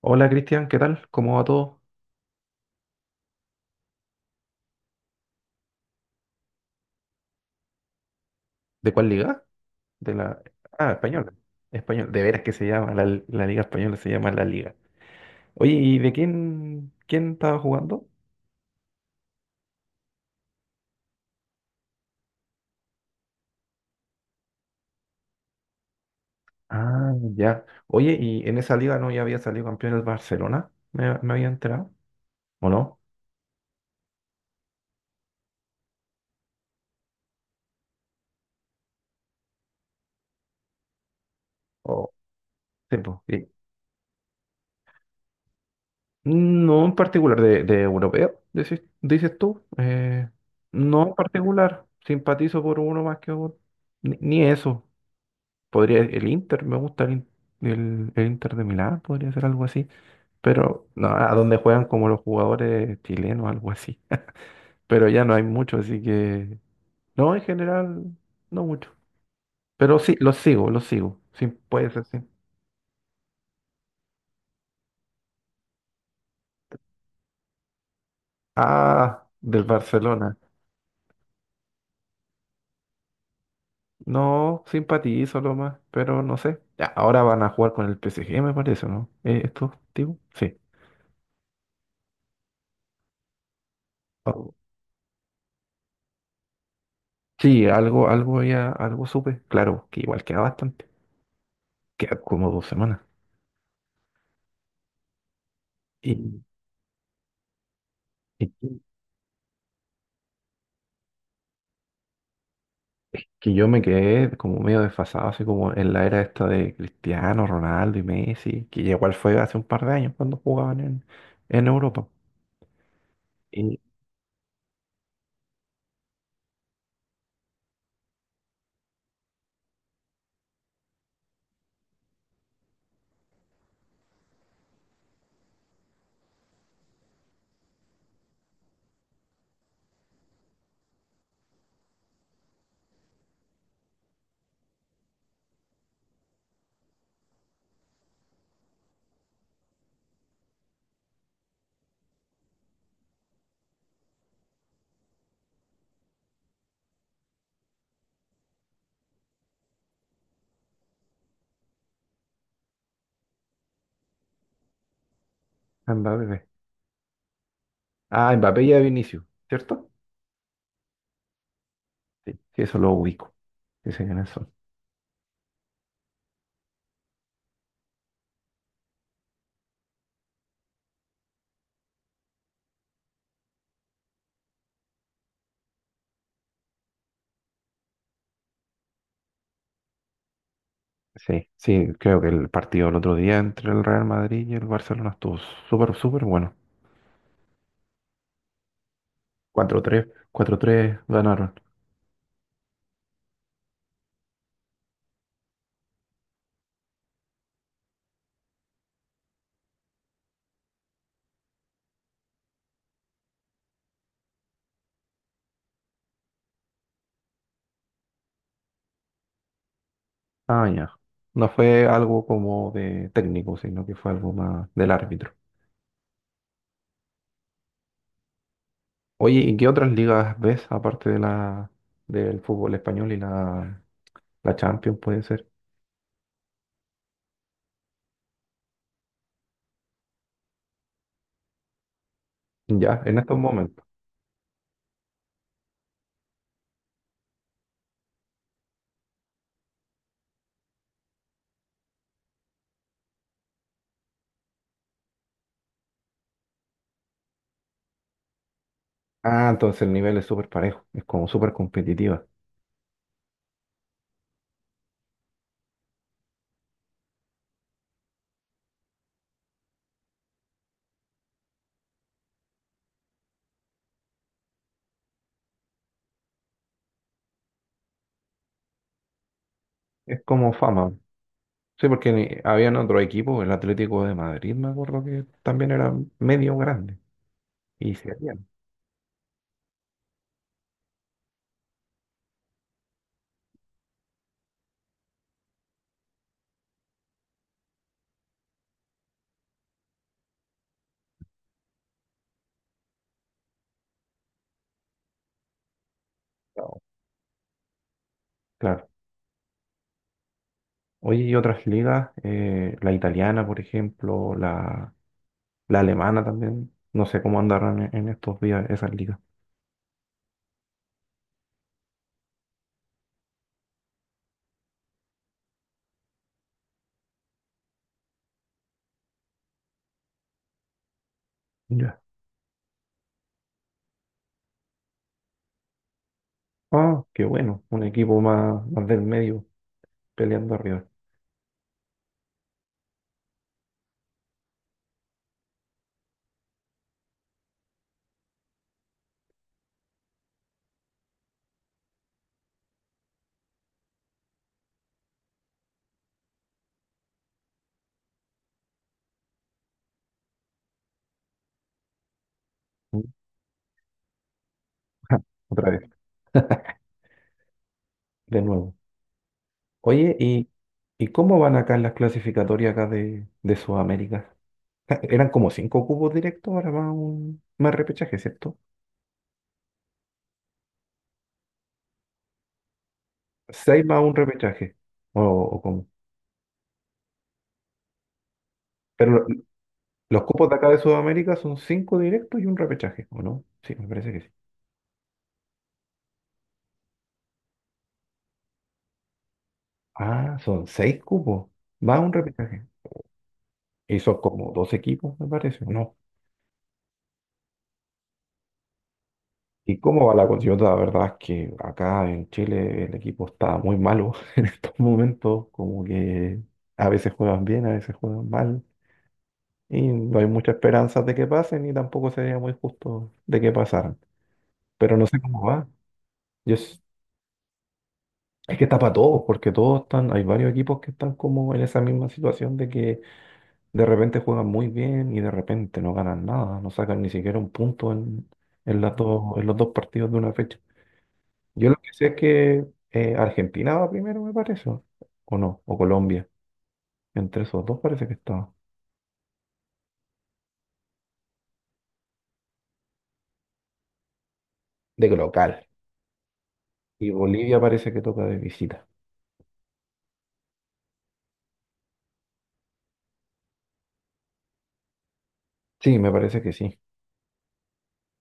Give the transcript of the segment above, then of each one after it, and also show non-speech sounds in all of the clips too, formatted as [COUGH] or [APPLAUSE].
Hola Cristian, ¿qué tal? ¿Cómo va todo? ¿De cuál liga? De la... Ah, española. Español. De veras que se llama, la liga española se llama la liga. Oye, ¿y de quién estaba jugando? Ah, ya. Oye, ¿y en esa liga no ya había salido campeón el Barcelona? ¿Me había enterado? ¿O no? O sí, pues, sí. No en particular, de europeo, dices tú. No en particular, simpatizo por uno más que otro. Ni eso. Podría el Inter, me gusta el Inter de Milán, podría ser algo así. Pero no, a donde juegan como los jugadores chilenos, algo así. [LAUGHS] Pero ya no hay mucho, así que no, en general, no mucho. Pero sí, los sigo, los sigo. Sí, puede ser, sí. Ah, del Barcelona. No, simpatizo lo más, pero no sé. Ya, ahora van a jugar con el PSG, me parece, ¿no? Estos tipos, sí. Oh, sí, algo, algo ya, algo supe. Claro, que igual queda bastante. Queda como 2 semanas. y Es que yo me quedé como medio desfasado, así como en la era esta de Cristiano, Ronaldo y Messi, que igual fue hace un par de años cuando jugaban en Europa. Y a Mbappé. Ah, Mbappé y a Vinicius, ¿cierto? Sí, sí, eso lo ubico. Sí, sé quiénes son. Sí, sí, creo que el partido el otro día entre el Real Madrid y el Barcelona estuvo súper, súper bueno. cuatro tres cuatro tres ganaron. Ah, ya. No fue algo como de técnico, sino que fue algo más del árbitro. Oye, ¿y qué otras ligas ves aparte de la del fútbol español y la Champions puede ser? Ya, en estos momentos. Ah, entonces el nivel es súper parejo, es como súper competitiva. Es como fama. Sí, porque habían otro equipo, el Atlético de Madrid, me acuerdo que también era medio grande. Y se habían. estado, Claro. Oye, y otras ligas, la italiana, por ejemplo, la alemana también. No sé cómo andarán en estos días esas ligas. Ah, qué bueno, un equipo más, más del medio peleando arriba. Mm. Ja, otra vez, de nuevo. Oye, ¿Y cómo van acá en las clasificatorias acá de Sudamérica? Ja, eran como cinco cupos directos, ahora va un más repechaje, ¿cierto? Seis más un repechaje, o cómo. Pero los cupos de acá de Sudamérica son cinco directos y un repechaje, ¿o no? Sí, me parece que sí. Ah, son seis cupos, va un repechaje. Y son como dos equipos, me parece, ¿o no? ¿Y cómo va la Coyota? La verdad es que acá en Chile el equipo está muy malo [LAUGHS] en estos momentos, como que a veces juegan bien, a veces juegan mal, y no hay mucha esperanza de que pasen y tampoco sería muy justo de que pasaran. Pero no sé cómo va. Yo, s- es que está para todos, porque todos están, hay varios equipos que están como en esa misma situación de que de repente juegan muy bien y de repente no ganan nada, no sacan ni siquiera un punto en los dos partidos de una fecha. Yo lo que sé es que Argentina va primero, me parece, o no, o Colombia. Entre esos dos parece que estaba. De local. Y Bolivia parece que toca de visita. Sí, me parece que sí.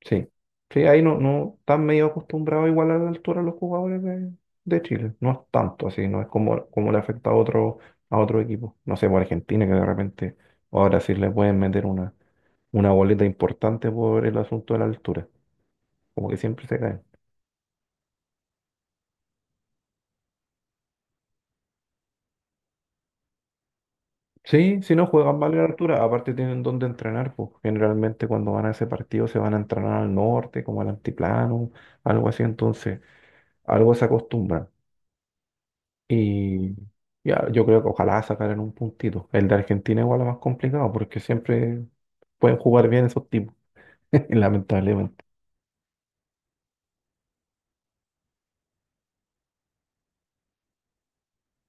Sí. Sí, ahí no están medio acostumbrados igual a la altura los jugadores de Chile. No es tanto así, no es como le afecta a otro, equipo. No sé, por Argentina, que de repente ahora sí le pueden meter una boleta importante por el asunto de la altura. Como que siempre se caen. Sí, si no juegan mal en altura, aparte tienen donde entrenar, pues generalmente cuando van a ese partido se van a entrenar al norte, como al altiplano, algo así, entonces algo se acostumbran. Y ya, yo creo que ojalá sacaran un puntito. El de Argentina igual es más complicado porque siempre pueden jugar bien esos tipos, [LAUGHS] lamentablemente.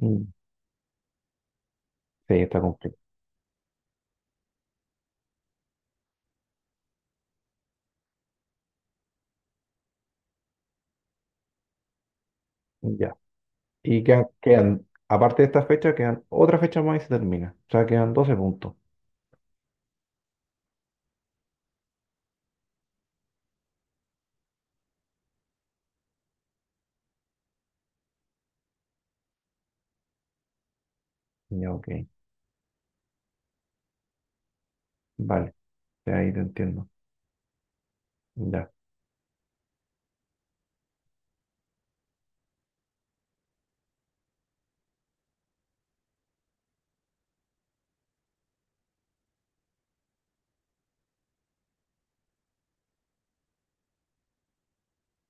Mm, sí, está complicado. Ya. Y aparte de esta fecha, quedan otra fecha más y se termina. O sea, quedan 12 puntos. Ya, ok. Vale, de ahí te entiendo. Ya.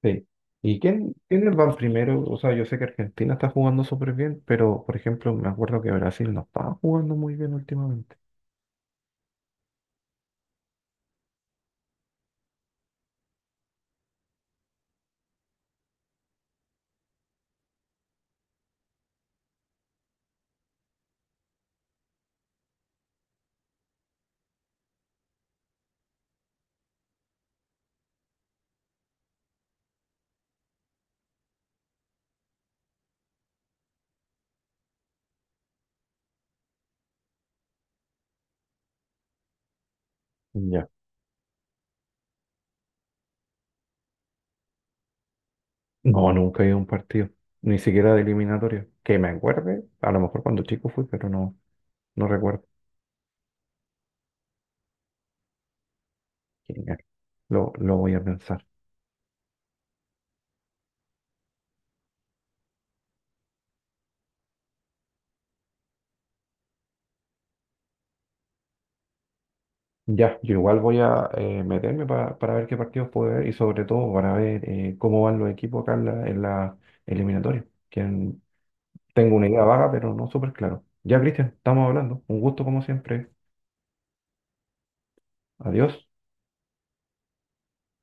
Sí. ¿Y quiénes van primero? O sea, yo sé que Argentina está jugando súper bien, pero por ejemplo, me acuerdo que Brasil no estaba jugando muy bien últimamente. Ya. No, [LAUGHS] nunca he ido a un partido, ni siquiera de eliminatoria. Que me acuerde, a lo mejor cuando chico fui, pero no, no recuerdo. Genial. Lo voy a pensar. Ya, yo igual voy a meterme para ver qué partidos puedo ver y sobre todo para ver cómo van los equipos acá en la eliminatoria. Tengo una idea vaga, pero no súper claro. Ya, Cristian, estamos hablando. Un gusto como siempre. Adiós.